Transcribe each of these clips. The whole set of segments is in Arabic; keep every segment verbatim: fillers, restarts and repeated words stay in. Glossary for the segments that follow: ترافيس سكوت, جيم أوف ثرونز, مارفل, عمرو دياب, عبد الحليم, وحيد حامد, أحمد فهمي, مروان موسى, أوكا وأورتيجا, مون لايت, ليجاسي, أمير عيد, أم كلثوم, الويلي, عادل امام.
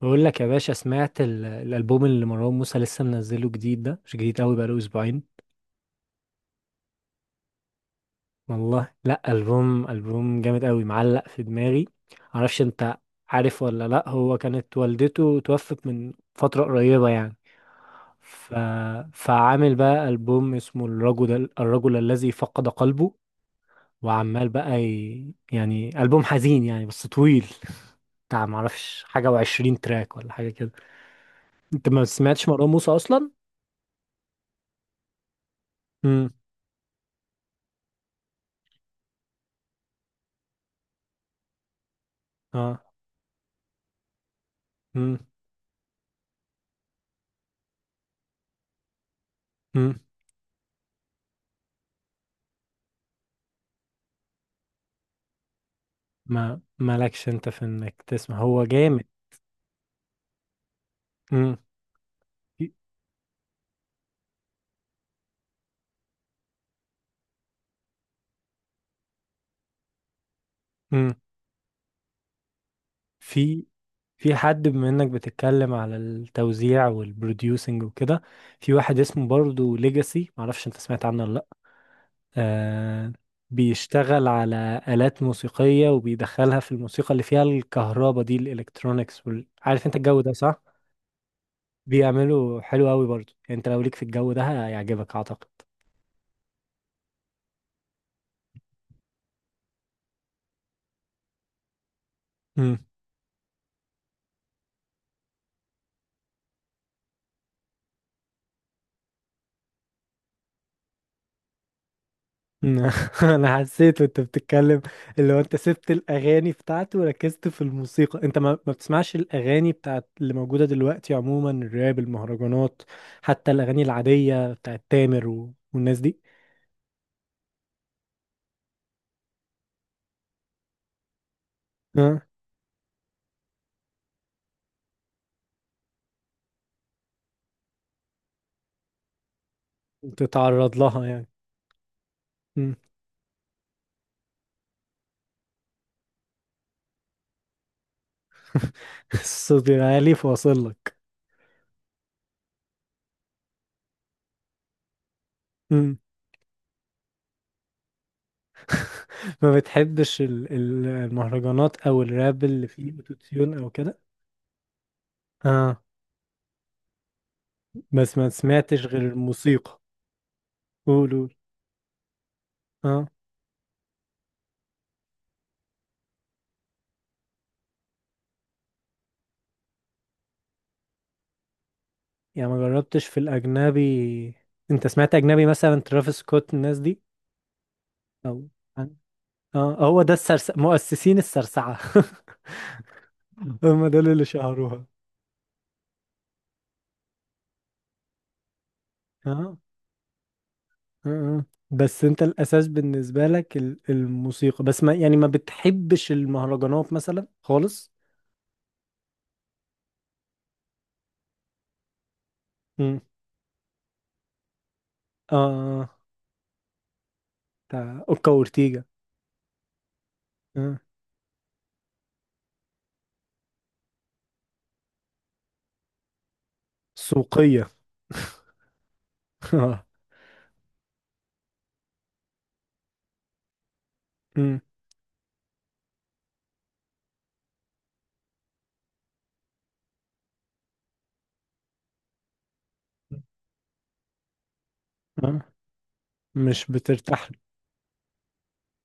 بقول لك يا باشا، سمعت ال- الالبوم اللي مروان موسى لسه منزله جديد. ده مش جديد قوي، بقاله اسبوعين. والله لا، البوم البوم جامد قوي، معلق في دماغي. معرفش انت عارف ولا لا، هو كانت والدته توفت من فترة قريبة يعني. ف... فعامل بقى البوم اسمه الرجل الرجل الذي فقد قلبه. وعمال بقى ي... يعني البوم حزين يعني، بس طويل بتاع معرفش، حاجة وعشرين تراك ولا حاجة كده. انت ما سمعتش مروان موسى اصلا؟ امم. اه. مم. ما مالكش انت في انك تسمع، هو جامد. مم. في. مم. في في حد بما انك بتتكلم على التوزيع والبروديوسنج وكده، في واحد اسمه برضو ليجاسي، معرفش انت سمعت عنه ولا لا. آه، بيشتغل على آلات موسيقية وبيدخلها في الموسيقى اللي فيها الكهرباء دي، الالكترونيكس وال... عارف انت الجو ده صح؟ بيعملوا حلو قوي برضو، يعني انت لو ليك في الجو ده هيعجبك اعتقد. انا حسيت وانت بتتكلم، اللي هو انت سبت الاغاني بتاعته وركزت في الموسيقى. انت ما, ما بتسمعش الاغاني بتاعت اللي موجوده دلوقتي عموما، الراب، المهرجانات، حتى الاغاني العاديه بتاعت تامر و... والناس دي. ها، تتعرض لها يعني. مم. الصوت العالي فاصل لك. مم. ما بتحبش ال- ال- المهرجانات او الراب اللي فيه اوتوتيون او كده؟ اه. بس ما سمعتش غير الموسيقى. قول قول اه. يعني ما جربتش في الأجنبي؟ أنت سمعت أجنبي مثلا ترافيس سكوت الناس دي؟ أو عن- اه، هو ده السرس... مؤسسين السرسعة. هم دول اللي شهروها. اه. اه. آه. بس أنت الأساس بالنسبة لك ال- الموسيقى بس، ما يعني ما بتحبش المهرجانات مثلا خالص. مم. اه، بتاع أوكا وأورتيجا. آه. سوقية. اه. مم. آه. مش بترتاح.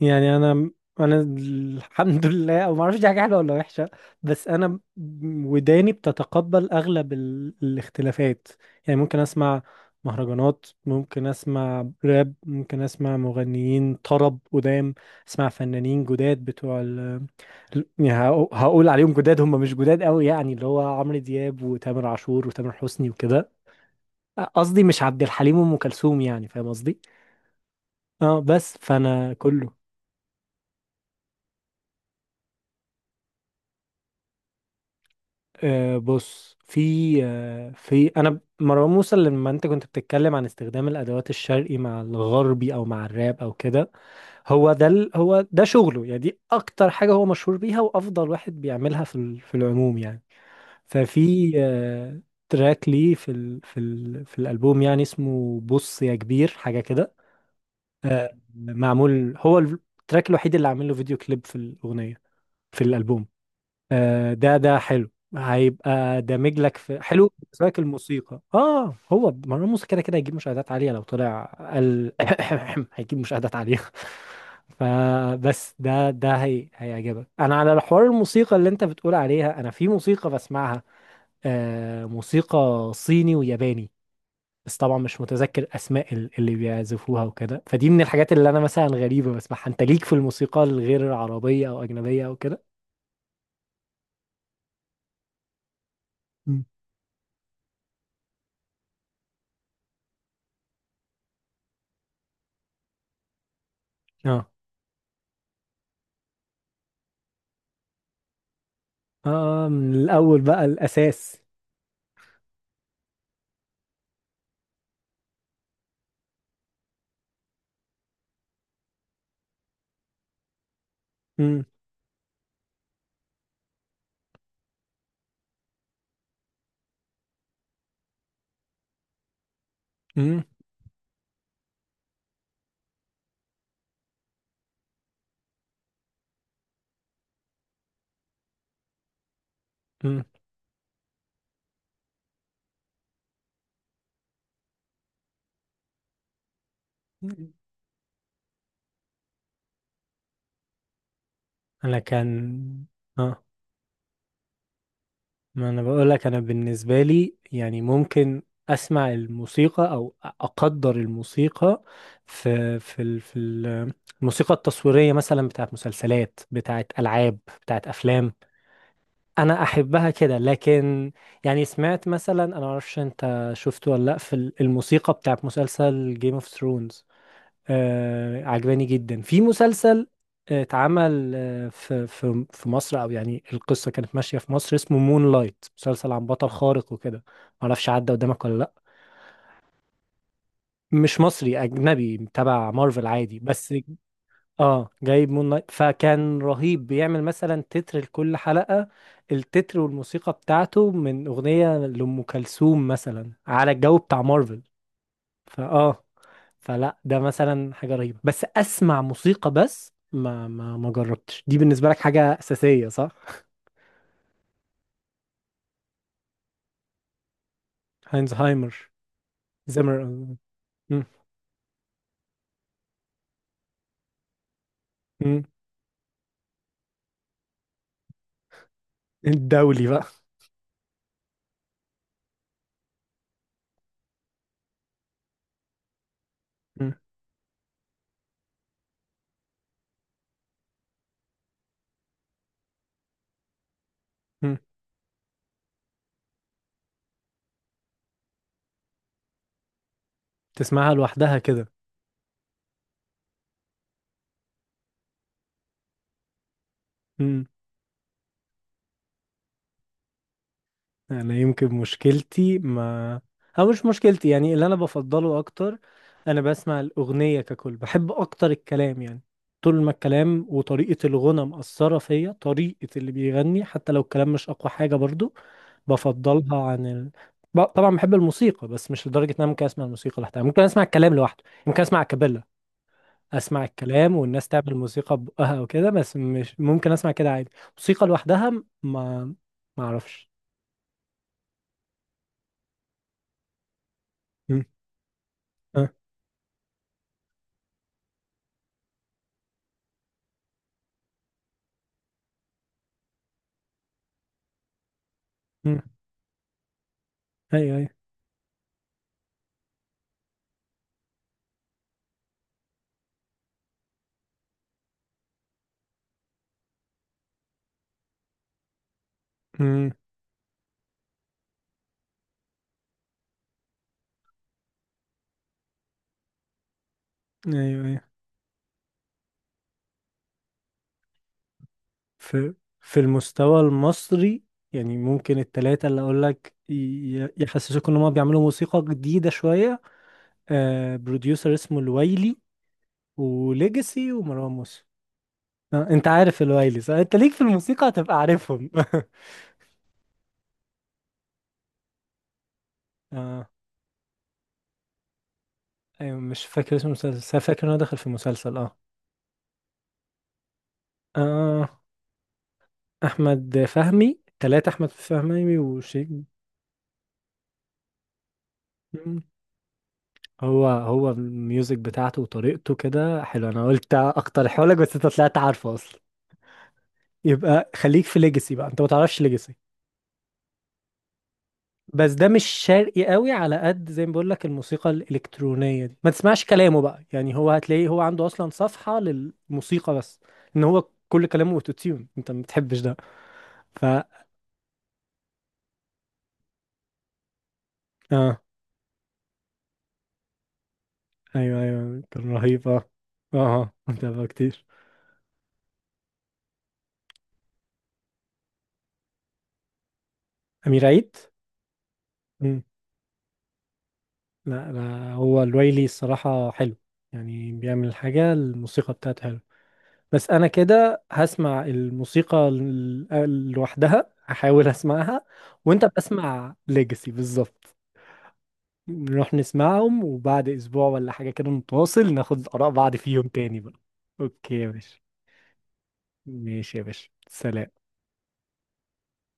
يعني انا، انا الحمد لله، او ما اعرفش دي حاجه حلوه ولا وحشه. بس انا، ب- وداني بتتقبل اغلب ال... الاختلافات. يعني ممكن اسمع مهرجانات، ممكن اسمع راب، ممكن اسمع مغنيين طرب قدام، اسمع فنانين جداد بتوع ال... ال- يعني هقو- هقول عليهم جداد، هم مش جداد قوي يعني، اللي هو عمرو دياب وتامر عاشور وتامر حسني وكده. قصدي مش عبد الحليم وام كلثوم، يعني فاهم قصدي. اه، بس فانا كله. آه، بص، في آه في انا، مروان موسى لما انت كنت بتتكلم عن استخدام الادوات الشرقي مع الغربي او مع الراب او كده، هو ده ال- هو ده شغله يعني، دي اكتر حاجه هو مشهور بيها وافضل واحد بيعملها في ال- في العموم يعني. ففي آه تراك ليه في ال في ال في الالبوم يعني، اسمه بص يا كبير، حاجه كده. آه، معمول، هو التراك الوحيد اللي عامل له فيديو كليب، في الاغنيه، في الالبوم. آه، ده ده حلو، هيبقى دامج لك في، حلو بالنسبه لك الموسيقى، اه هو. ما هو الموسيقى كده كده هيجيب مشاهدات عاليه لو طلع. قال هيجيب مشاهدات عاليه. فبس ده ده هي هيعجبك. انا على حوار الموسيقى اللي انت بتقول عليها، انا في موسيقى بسمعها، آه، موسيقى صيني وياباني. بس طبعا مش متذكر اسماء ال- اللي بيعزفوها وكده. فدي من الحاجات اللي انا مثلا غريبه بسمعها. انت ليك في الموسيقى الغير عربيه او اجنبيه او كده؟ مم. اه. اه، من الاول بقى، الاساس. امم. امم. امم. انا كان. اه، ما انا بقول لك، انا بالنسبه لي يعني ممكن اسمع الموسيقى او اقدر الموسيقى، في في ال- في ال- الموسيقى التصويريه مثلا، بتاعت مسلسلات، بتاعت العاب، بتاعت افلام. انا احبها كده. لكن يعني سمعت مثلا، انا معرفش انت شفته ولا لا، في ال- الموسيقى بتاعت مسلسل جيم اوف ثرونز، آه عجباني جدا. في مسلسل آه، اتعمل آه، في في في مصر، او يعني القصه كانت ماشيه في مصر، اسمه مون لايت، مسلسل عن بطل خارق وكده، معرفش عدى قدامك ولا لا. مش مصري، اجنبي تبع مارفل عادي بس. اه، جايب مون لايت، فكان رهيب بيعمل مثلا تتر لكل حلقه، التتر والموسيقى بتاعته من اغنيه لام كلثوم مثلا على الجو بتاع مارفل. فاه، فلا ده مثلا حاجة رهيبة بس اسمع موسيقى. بس ما ما ما جربتش، دي بالنسبة لك حاجة أساسية صح؟ هاينزهايمر، زمر. مم. مم. الدولي بقى. مم. مم. تسمعها لوحدها كده. انا يمكن مشكلتي، ما او مش مشكلتي يعني، اللي انا بفضله اكتر، انا بسمع الاغنيه ككل، بحب اكتر الكلام يعني. طول ما الكلام وطريقه الغنى مأثره فيا، طريقه اللي بيغني، حتى لو الكلام مش اقوى حاجه برضو بفضلها عن ال... ب- طبعا بحب الموسيقى، بس مش لدرجه ان انا ممكن اسمع الموسيقى لوحدها. ممكن اسمع الكلام لوحده، ممكن اسمع كابيلا، اسمع الكلام والناس تعمل موسيقى ببقها وكده. بس مش ممكن اسمع كده عادي، موسيقى لوحدها. ما ما اعرفش. مم. أه. ايوه ايوه. امم. ايوه ايوه. في، في المستوى المصري، يعني ممكن التلاتة اللي اقول لك ي- يحسسوك ان هم بيعملوا موسيقى جديدة شوية. آه، بروديوسر اسمه الويلي، وليجاسي، ومروان موسى. آه، انت عارف الويلي صح، انت ليك في الموسيقى هتبقى عارفهم. آه. ايوه، مش فاكر اسم المسلسل، بس أنا فاكر ان هو دخل في مسلسل. اه. اه، احمد فهمي، تلاتة، احمد فهمي وشيك. هو هو الميوزك بتاعته وطريقته كده حلو، انا قلت اقترحه لك بس انت طلعت عارفه اصلا. يبقى خليك في ليجاسي بقى، انت ما تعرفش ليجاسي. بس ده مش شرقي قوي على قد زي ما بقول لك، الموسيقى الالكترونيه دي، ما تسمعش كلامه بقى يعني، هو هتلاقيه هو عنده اصلا صفحه للموسيقى بس، ان هو كل كلامه اوتو تيون، انت ما بتحبش ده. ف، اه. ايوه ايوه، كان رهيب اه. اه آه، متابعه كتير. امير عيد. لا لا، هو الويلي الصراحة حلو، يعني بيعمل حاجة، الموسيقى بتاعته حلو. بس أنا كده هسمع الموسيقى ال- لوحدها، هحاول أسمعها، وأنت بسمع ليجاسي بالظبط. نروح نسمعهم وبعد أسبوع ولا حاجة كده نتواصل ناخد آراء بعض فيهم تاني بقى. أوكي يا باشا. ماشي يا باشا، سلام.